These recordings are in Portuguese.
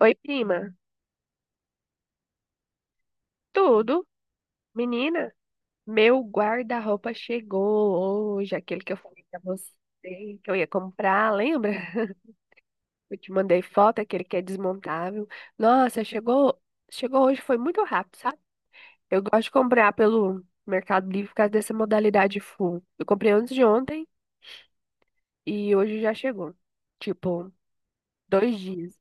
Oi, prima. Tudo? Menina, meu guarda-roupa chegou hoje, aquele que eu falei pra você que eu ia comprar, lembra? Eu te mandei foto, aquele que é desmontável. Nossa, chegou hoje, foi muito rápido, sabe? Eu gosto de comprar pelo Mercado Livre por causa dessa modalidade full. Eu comprei antes de ontem e hoje já chegou. Tipo, 2 dias.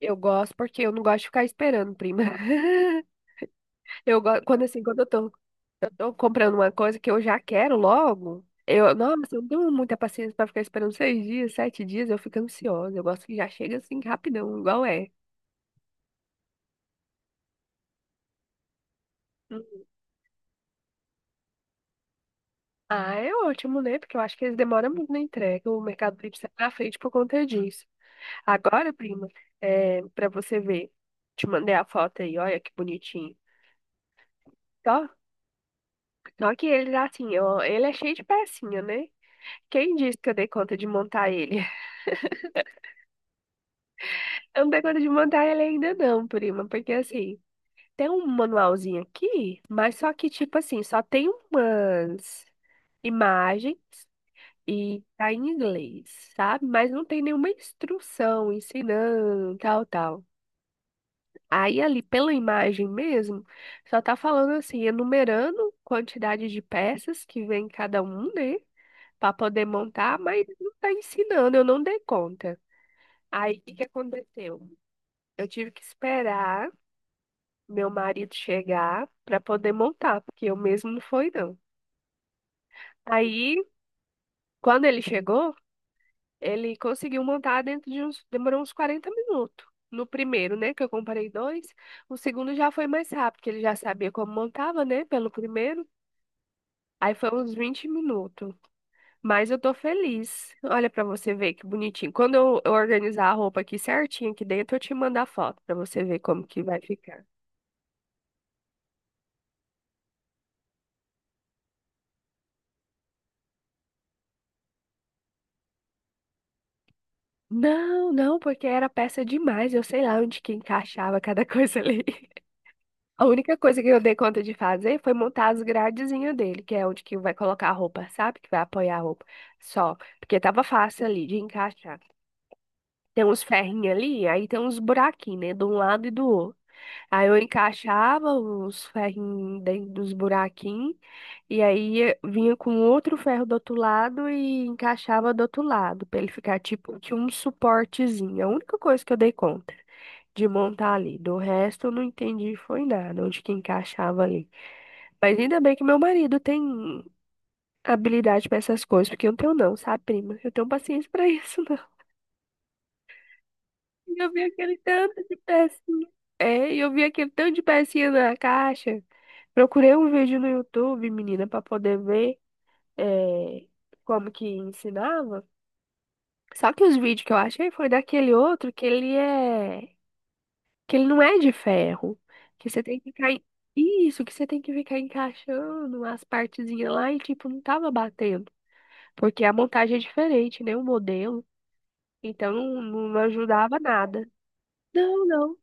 Eu gosto porque eu não gosto de ficar esperando, prima. Eu gosto, quando assim, quando eu tô Eu tô comprando uma coisa que eu já quero logo. Eu, nossa, eu não tenho muita paciência pra ficar esperando 6 dias, 7 dias, eu fico ansiosa. Eu gosto que já chega assim rapidão, igual é. Ah, é ótimo, né? Porque eu acho que eles demoram muito na entrega. O Mercado Livre sai na frente por conta disso. Agora, prima, para você ver, te mandei a foto aí, olha que bonitinho. Só, só que ele, assim, ó, ele é cheio de pecinha, né? Quem disse que eu dei conta de montar ele? Eu não dei conta de montar ele ainda não, prima, porque assim, tem um manualzinho aqui, mas só que, tipo assim, só tem umas imagens e tá em inglês, sabe? Mas não tem nenhuma instrução ensinando, tal, tal. Aí ali pela imagem mesmo, só tá falando assim, enumerando quantidade de peças que vem em cada um, né? Pra poder montar, mas não tá ensinando, eu não dei conta. Aí o que que aconteceu? Eu tive que esperar meu marido chegar pra poder montar, porque eu mesmo não fui, não. Aí, quando ele chegou, ele conseguiu montar dentro de uns, demorou uns 40 minutos. No primeiro, né, que eu comprei dois, o segundo já foi mais rápido, porque ele já sabia como montava, né, pelo primeiro. Aí foi uns 20 minutos. Mas eu tô feliz. Olha pra você ver que bonitinho. Quando eu organizar a roupa aqui certinho aqui dentro, eu te mando a foto pra você ver como que vai ficar. Não, não, porque era peça demais. Eu sei lá onde que encaixava cada coisa ali. A única coisa que eu dei conta de fazer foi montar as gradezinhas dele, que é onde que vai colocar a roupa, sabe? Que vai apoiar a roupa. Só. Porque tava fácil ali de encaixar. Tem uns ferrinhos ali, aí tem uns buraquinhos, né? De um lado e do outro. Aí eu encaixava os ferrinhos dentro dos buraquinhos, e aí vinha com outro ferro do outro lado e encaixava do outro lado, pra ele ficar tipo de um suportezinho. É a única coisa que eu dei conta de montar ali. Do resto, eu não entendi foi nada, onde que encaixava ali. Mas ainda bem que meu marido tem habilidade pra essas coisas, porque eu não tenho não, sabe, prima? Eu tenho paciência pra isso, não. E eu vi aquele tanto de pecinha. É, e eu vi aquele tanto de pecinha na caixa. Procurei um vídeo no YouTube, menina, pra poder ver é, como que ensinava. Só que os vídeos que eu achei foi daquele outro que ele é, que ele não é de ferro, que você tem que ficar isso, que você tem que ficar encaixando as partezinhas lá e tipo não tava batendo. Porque a montagem é diferente, né? O modelo. Então não, não ajudava nada. Não, não.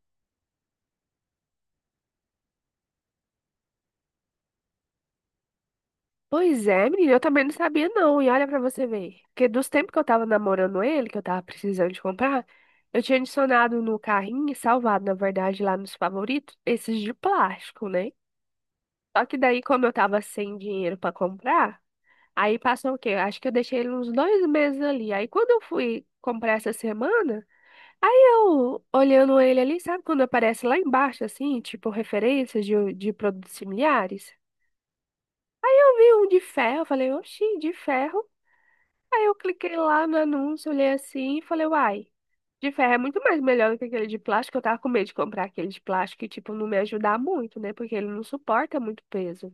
Pois é, menina, eu também não sabia não. E olha pra você ver. Porque dos tempos que eu tava namorando ele, que eu tava precisando de comprar, eu tinha adicionado no carrinho, salvado, na verdade, lá nos favoritos, esses de plástico, né? Só que daí, como eu tava sem dinheiro pra comprar, aí passou o quê? Acho que eu deixei ele uns 2 meses ali. Aí quando eu fui comprar essa semana, aí eu, olhando ele ali, sabe quando aparece lá embaixo, assim, tipo, referências de produtos similares? Eu vi um de ferro, falei, oxi, de ferro. Aí eu cliquei lá no anúncio, olhei assim e falei, uai, de ferro é muito mais melhor do que aquele de plástico. Eu tava com medo de comprar aquele de plástico e, tipo, não me ajudar muito, né? Porque ele não suporta muito peso.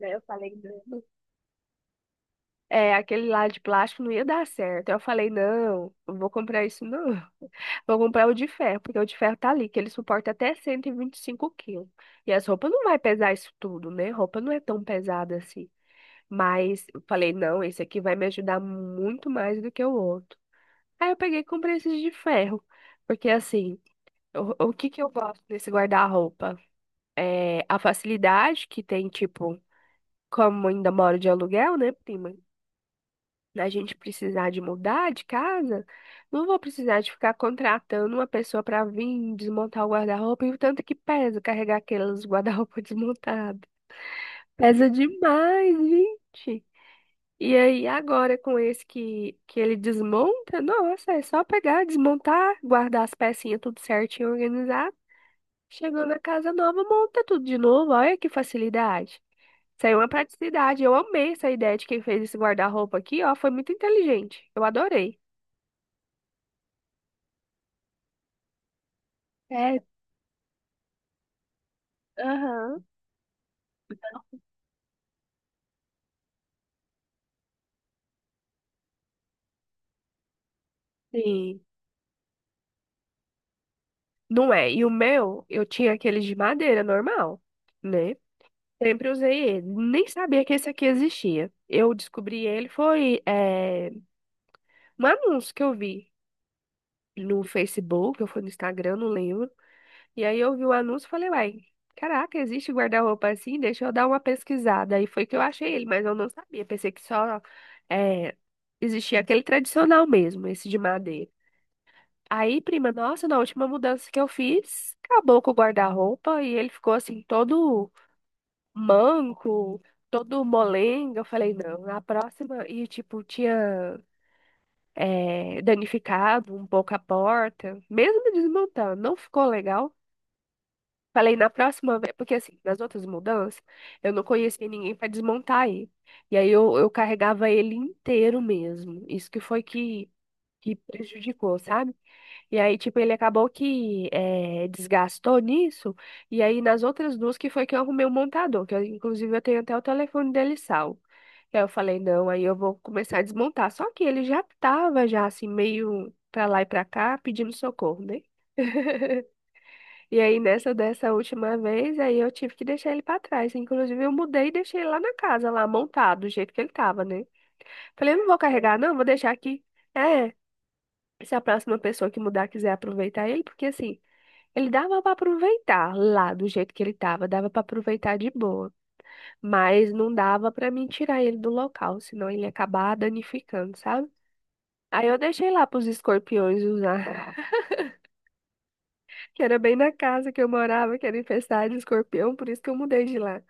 Daí eu falei, não. É, aquele lá de plástico não ia dar certo. Aí eu falei, não, não vou comprar isso não. Vou comprar o de ferro, porque o de ferro tá ali, que ele suporta até cento e vinte e cinco quilos. E as roupas não vai pesar isso tudo, né? Roupa não é tão pesada assim. Mas eu falei, não, esse aqui vai me ajudar muito mais do que o outro. Aí eu peguei e comprei esses de ferro. Porque assim, o que que eu gosto desse guarda-roupa? É a facilidade que tem, tipo, como ainda moro de aluguel, né, prima? Da gente precisar de mudar de casa, não vou precisar de ficar contratando uma pessoa para vir desmontar o guarda-roupa e o tanto que pesa carregar aqueles guarda-roupa desmontado. Pesa demais, gente. E aí, agora com esse que ele desmonta, nossa, é só pegar, desmontar, guardar as pecinhas tudo certinho, organizar. Chegou na casa nova, monta tudo de novo. Olha que facilidade. Isso aí é uma praticidade. Eu amei essa ideia de quem fez esse guarda-roupa aqui, ó. Foi muito inteligente. Eu adorei. É, aham, sim. Não é. E o meu, eu tinha aqueles de madeira normal, né? Sempre usei ele. Nem sabia que esse aqui existia. Eu descobri ele foi um anúncio que eu vi no Facebook, eu fui no Instagram, não lembro. E aí eu vi o anúncio e falei, uai, caraca, existe guarda-roupa assim? Deixa eu dar uma pesquisada. Aí foi que eu achei ele, mas eu não sabia. Pensei que só é, existia aquele tradicional mesmo, esse de madeira. Aí, prima, nossa, na última mudança que eu fiz, acabou com o guarda-roupa e ele ficou assim, todo manco, todo molenga. Eu falei, não, na próxima. E, tipo, tinha danificado um pouco a porta, mesmo desmontando, não ficou legal. Falei, na próxima vez, porque assim, nas outras mudanças, eu não conhecia ninguém para desmontar aí. E aí eu carregava ele inteiro mesmo. Isso que foi que prejudicou, sabe? E aí, tipo, ele acabou que desgastou nisso. E aí, nas outras duas, que foi que eu arrumei o montador, que eu, inclusive eu tenho até o telefone dele salvo. E aí eu falei, não, aí eu vou começar a desmontar. Só que ele já tava, já assim, meio pra lá e pra cá, pedindo socorro, né? E aí, nessa dessa última vez, aí eu tive que deixar ele pra trás. Inclusive, eu mudei e deixei ele lá na casa, lá montado, do jeito que ele tava, né? Falei, eu não vou carregar, não, vou deixar aqui. É. Se a próxima pessoa que mudar quiser aproveitar ele, porque assim. Ele dava para aproveitar lá do jeito que ele tava, dava para aproveitar de boa, mas não dava para mim tirar ele do local, senão ele ia acabar danificando, sabe? Aí eu deixei lá pros escorpiões usar, que era bem na casa que eu morava, que era infestada de escorpião, por isso que eu mudei de lá.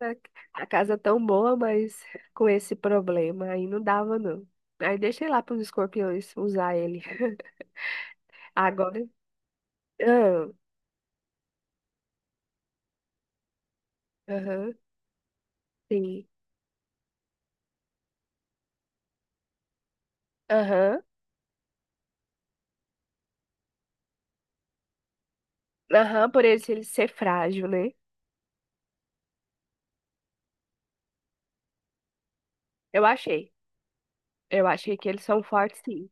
A a casa tão boa, mas com esse problema, aí não dava não. Aí deixei lá pros escorpiões usar ele. Agora, ah, aham, sim, aham. Aham, por ele ser frágil, né? Eu achei. Eu achei que eles são fortes, sim.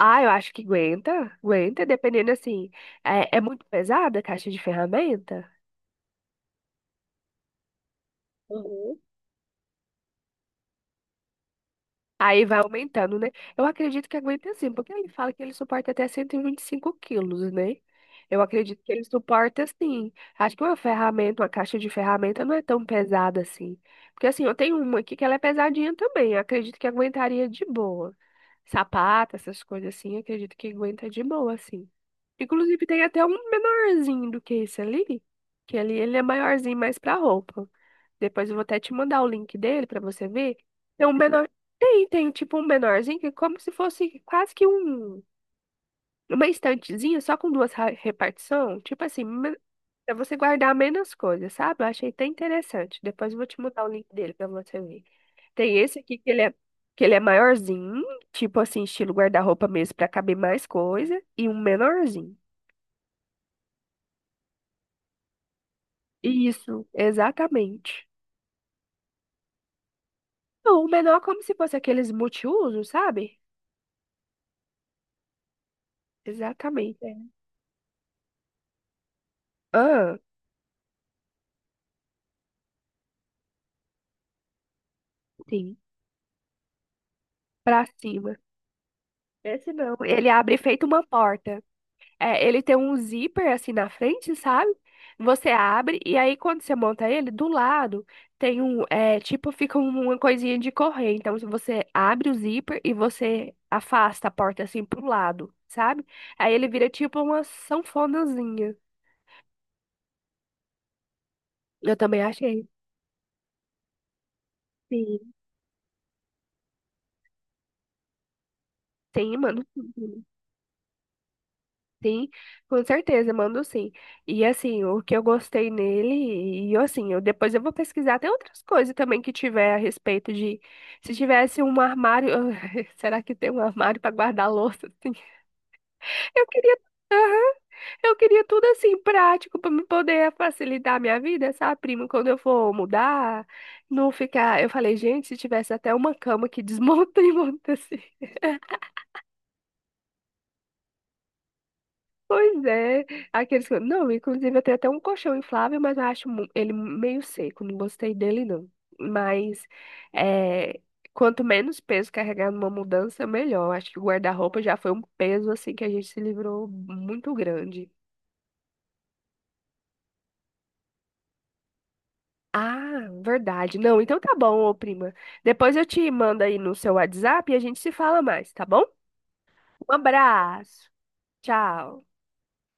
Ah, eu acho que aguenta. Aguenta, dependendo assim. É, é muito pesada a caixa de ferramenta. Uhum. Aí vai aumentando, né? Eu acredito que aguenta sim, porque ele fala que ele suporta até 125 quilos, né? Eu acredito que ele suporta sim. Acho que uma ferramenta, uma caixa de ferramenta não é tão pesada assim. Porque assim, eu tenho uma aqui que ela é pesadinha também. Eu acredito que aguentaria de boa. Sapato, essas coisas assim, eu acredito que aguenta de boa, assim. Inclusive, tem até um menorzinho do que esse ali, que ali ele é maiorzinho mais pra roupa. Depois eu vou até te mandar o link dele pra você ver. Tem um menor, tem tipo um menorzinho que é como se fosse quase que um uma estantezinha só com duas repartição, tipo assim, pra você guardar menos coisas, sabe? Eu achei até interessante. Depois eu vou te mandar o link dele pra você ver. Tem esse aqui que ele é maiorzinho, tipo assim, estilo guarda-roupa mesmo, pra caber mais coisa, e um menorzinho. Isso, exatamente. Não, o menor é como se fosse aqueles multiuso sabe? Exatamente. É. Ah, sim, pra cima. Esse não, ele abre feito uma porta. É, ele tem um zíper assim na frente, sabe? Você abre e aí quando você monta ele, do lado tem um, é, tipo, fica uma coisinha de correr. Então, se você abre o zíper e você afasta a porta assim pro lado, sabe? Aí ele vira tipo uma sanfonazinha. Eu também achei. Sim. Sim, mano. Sim, com certeza, mando sim. E assim, o que eu gostei nele, e assim, eu depois eu vou pesquisar até outras coisas também que tiver a respeito de se tivesse um armário, será que tem um armário para guardar louça assim? Eu queria, aham, eu queria tudo assim prático para me poder facilitar a minha vida, sabe, primo, quando eu for mudar, não ficar, eu falei, gente, se tivesse até uma cama que desmonta e monta assim. Pois é, aqueles que... Não, inclusive eu tenho até um colchão inflável, mas eu acho ele meio seco, não gostei dele não. Mas é, quanto menos peso carregar numa mudança, melhor. Acho que o guarda-roupa já foi um peso assim que a gente se livrou muito grande. Ah, verdade. Não, então tá bom, ô prima. Depois eu te mando aí no seu WhatsApp e a gente se fala mais, tá bom? Um abraço. Tchau.